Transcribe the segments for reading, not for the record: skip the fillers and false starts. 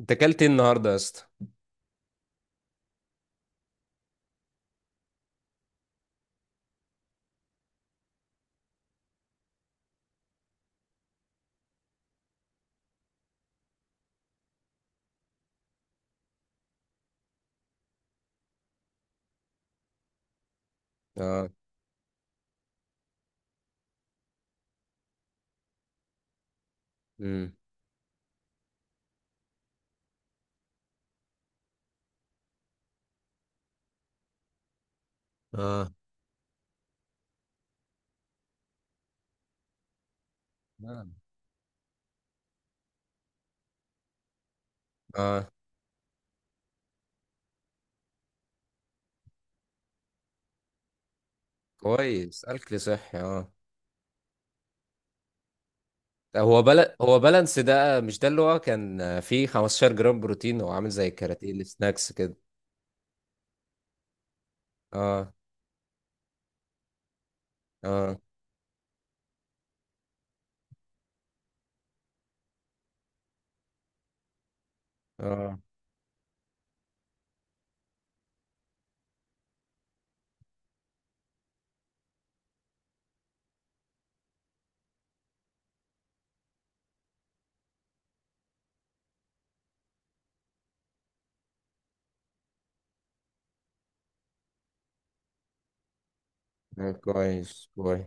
انت اكلت ايه النهارده يا اسطى؟ اه. امم. اه. نعم. اه، كويس، اكل صحي، اه. هو بالانس ده، مش ده اللي هو كان فيه 15 جرام بروتين؟ هو عامل زي الكاراتيه السناكس كده. اه، اه، اه. آه، كويس كويس.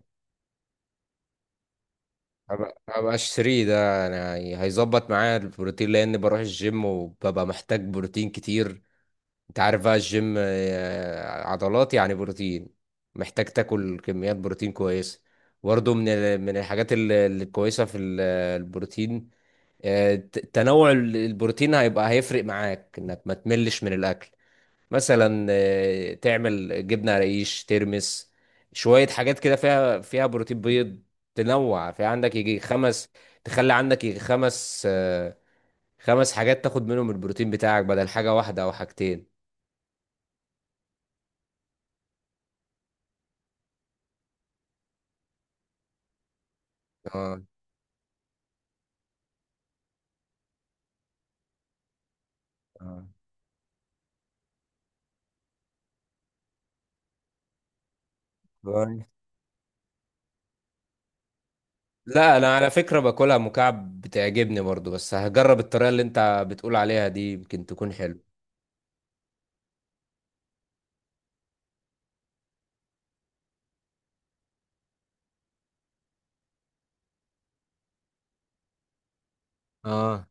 هبقى اشتريه، ده يعني هيظبط معايا البروتين لان بروح الجيم وببقى محتاج بروتين كتير. انت عارف بقى الجيم، عضلات يعني بروتين، محتاج تاكل كميات بروتين كويسه. برضه من الحاجات الكويسه في البروتين، تنوع البروتين هيفرق معاك انك ما تملش من الاكل. مثلا تعمل جبنه رقيش ترمس، شويه حاجات كده فيها بروتين، بيض. تنوع، في عندك يجي خمس، تخلي عندك يجي خمس، خمس حاجات تاخد منهم البروتين بتاعك بدل حاجه واحده او حاجتين. اه. آه. باي. لا، انا على فكرة باكلها مكعب بتعجبني برضو، بس هجرب الطريقة اللي انت بتقول عليها دي، يمكن تكون حلوة. اه.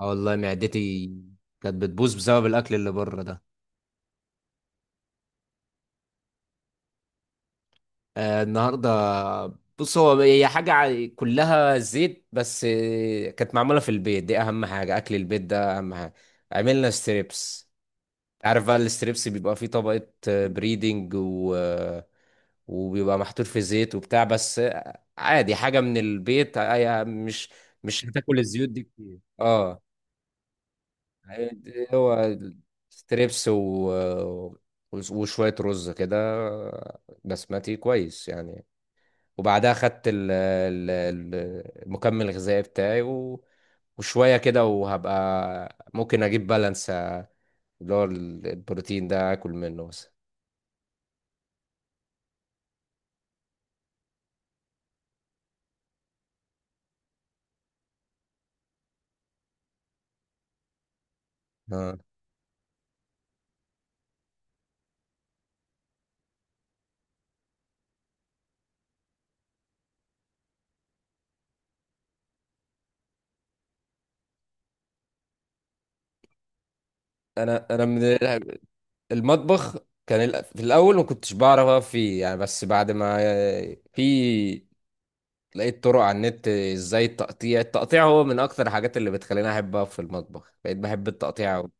اه والله، معدتي كانت بتبوظ بسبب الاكل اللي بره ده. آه، النهارده بص، هي حاجه كلها زيت، بس كانت معموله في البيت، دي اهم حاجه، اكل البيت ده اهم حاجه. عملنا ستريبس. عارف بقى الستريبس بيبقى فيه طبقة بريدنج و... وبيبقى محطوط في زيت وبتاع بس، عادي، حاجة من البيت، مش هتاكل الزيوت دي كتير، اه. هو ستريبس و... وشوية رز كده بسمتي، كويس يعني. وبعدها خدت المكمل الغذائي بتاعي و... وشوية كده، وهبقى ممكن أجيب بالانس اللي هو البروتين ده، اكل منه بس. اه. انا من المطبخ، في الاول ما كنتش بعرف اقف فيه يعني، بس بعد ما في لقيت طرق على النت ازاي التقطيع. التقطيع هو من اكتر الحاجات اللي بتخليني احب اقف في المطبخ. بقيت بحب التقطيع أوي.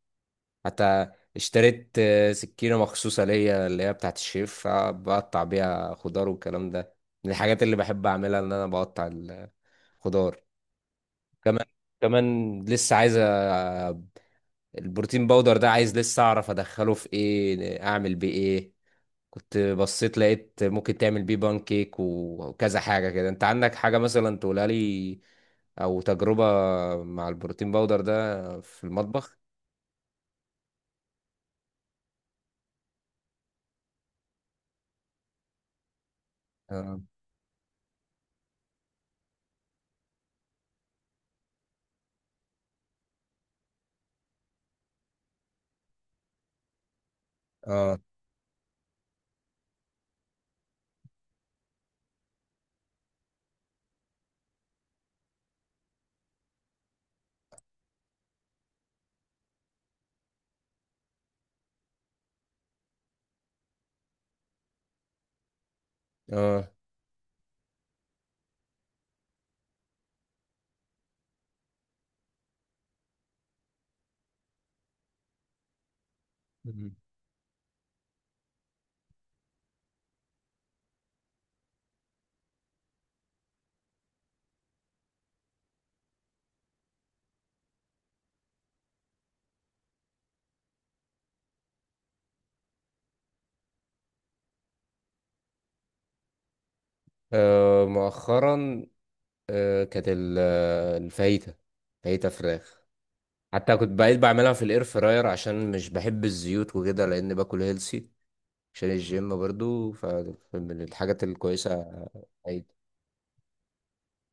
حتى اشتريت سكينة مخصوصة ليا، اللي هي بتاعت الشيف، بقطع بيها خضار والكلام ده، من الحاجات اللي بحب اعملها ان انا بقطع الخضار كمان. كمان لسه عايز البروتين باودر ده، عايز لسه اعرف ادخله في ايه، اعمل بيه ايه. كنت بصيت لقيت ممكن تعمل بيه بان كيك و- وكذا حاجة كده. انت عندك حاجة مثلا تقولها لي، او تجربة مع البروتين باودر ده في المطبخ؟ اه، اه، اه. مم. مؤخرا، كانت الفاهيتا، فاهيتا فراخ. حتى كنت بقيت بعملها في الاير فراير عشان مش بحب الزيوت وكده، لان باكل هيلسي عشان الجيم برضو، فمن الحاجات الكويسة. أيضا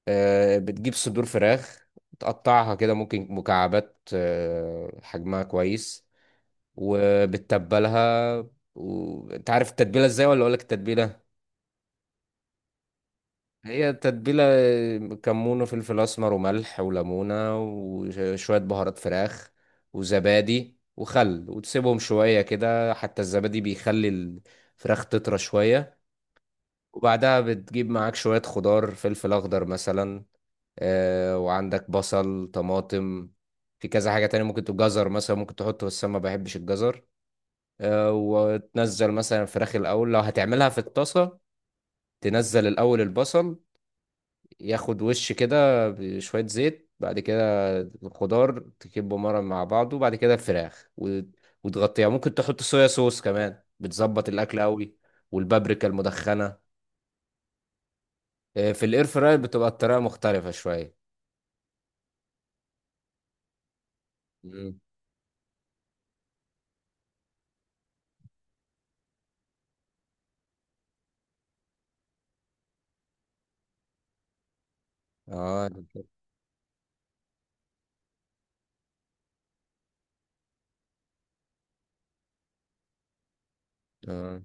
بتجيب صدور فراخ تقطعها كده، ممكن مكعبات، حجمها كويس، وبتتبلها. وانت عارف التتبيلة ازاي ولا اقولك التتبيلة؟ هي تتبيلة كمون وفلفل اسمر وملح وليمونة وشوية بهارات فراخ وزبادي وخل، وتسيبهم شوية كده، حتى الزبادي بيخلي الفراخ تطرى شوية. وبعدها بتجيب معاك شوية خضار، فلفل أخضر مثلا، وعندك بصل، طماطم، في كذا حاجة تانية ممكن تبقى جزر مثلا ممكن تحطه، بس أنا ما بحبش الجزر. وتنزل مثلا الفراخ الأول لو هتعملها في الطاسة. تنزل الأول البصل، ياخد وش كده بشوية زيت، بعد كده الخضار تكبه مرة مع بعضه، وبعد كده الفراخ وتغطيها. ممكن تحط صويا صوص كمان، بتظبط الأكل أوي، والبابريكا المدخنة. إيه، في الاير فراير بتبقى الطريقه مختلفه شويه. مم. اه، اه.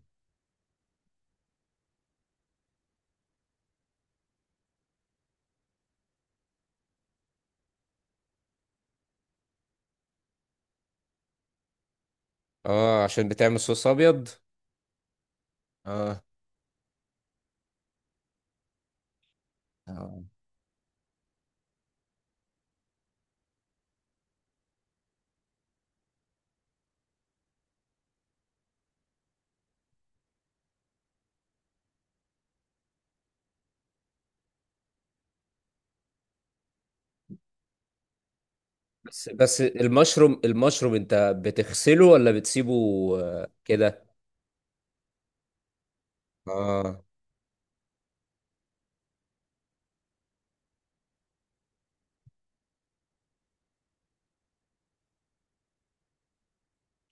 عشان بتعمل صوص ابيض. اه، اه. بس المشروم انت بتغسله ولا بتسيبه؟ آه، كده. اه،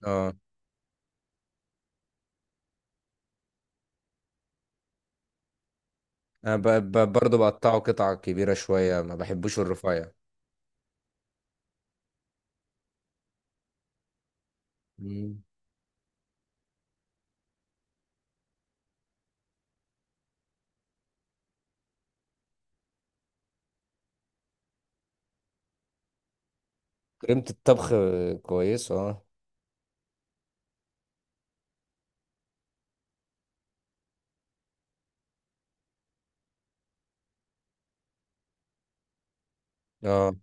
اه. انا برضه بقطعه قطع كبيره شويه، ما بحبوش الرفيع. مم. كريمه الطبخ، كويس، اه. اه.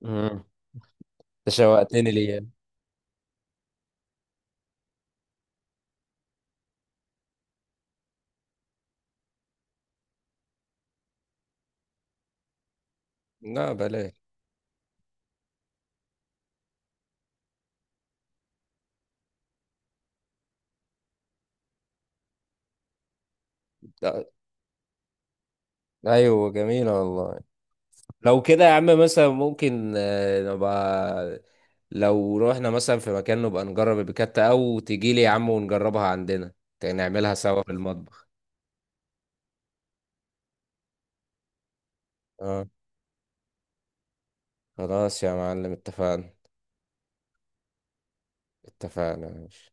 مم. انت شوقتني ليه؟ لا بلاش. آه، ايوه، جميله والله. لو كده يا عم، مثلا ممكن نبقى لو رحنا مثلا في مكان نبقى نجرب البيكاتا، او تجيلي يا عم ونجربها عندنا، نعملها سوا في المطبخ. اه. خلاص يا معلم، اتفقنا. اتفقنا، ماشي.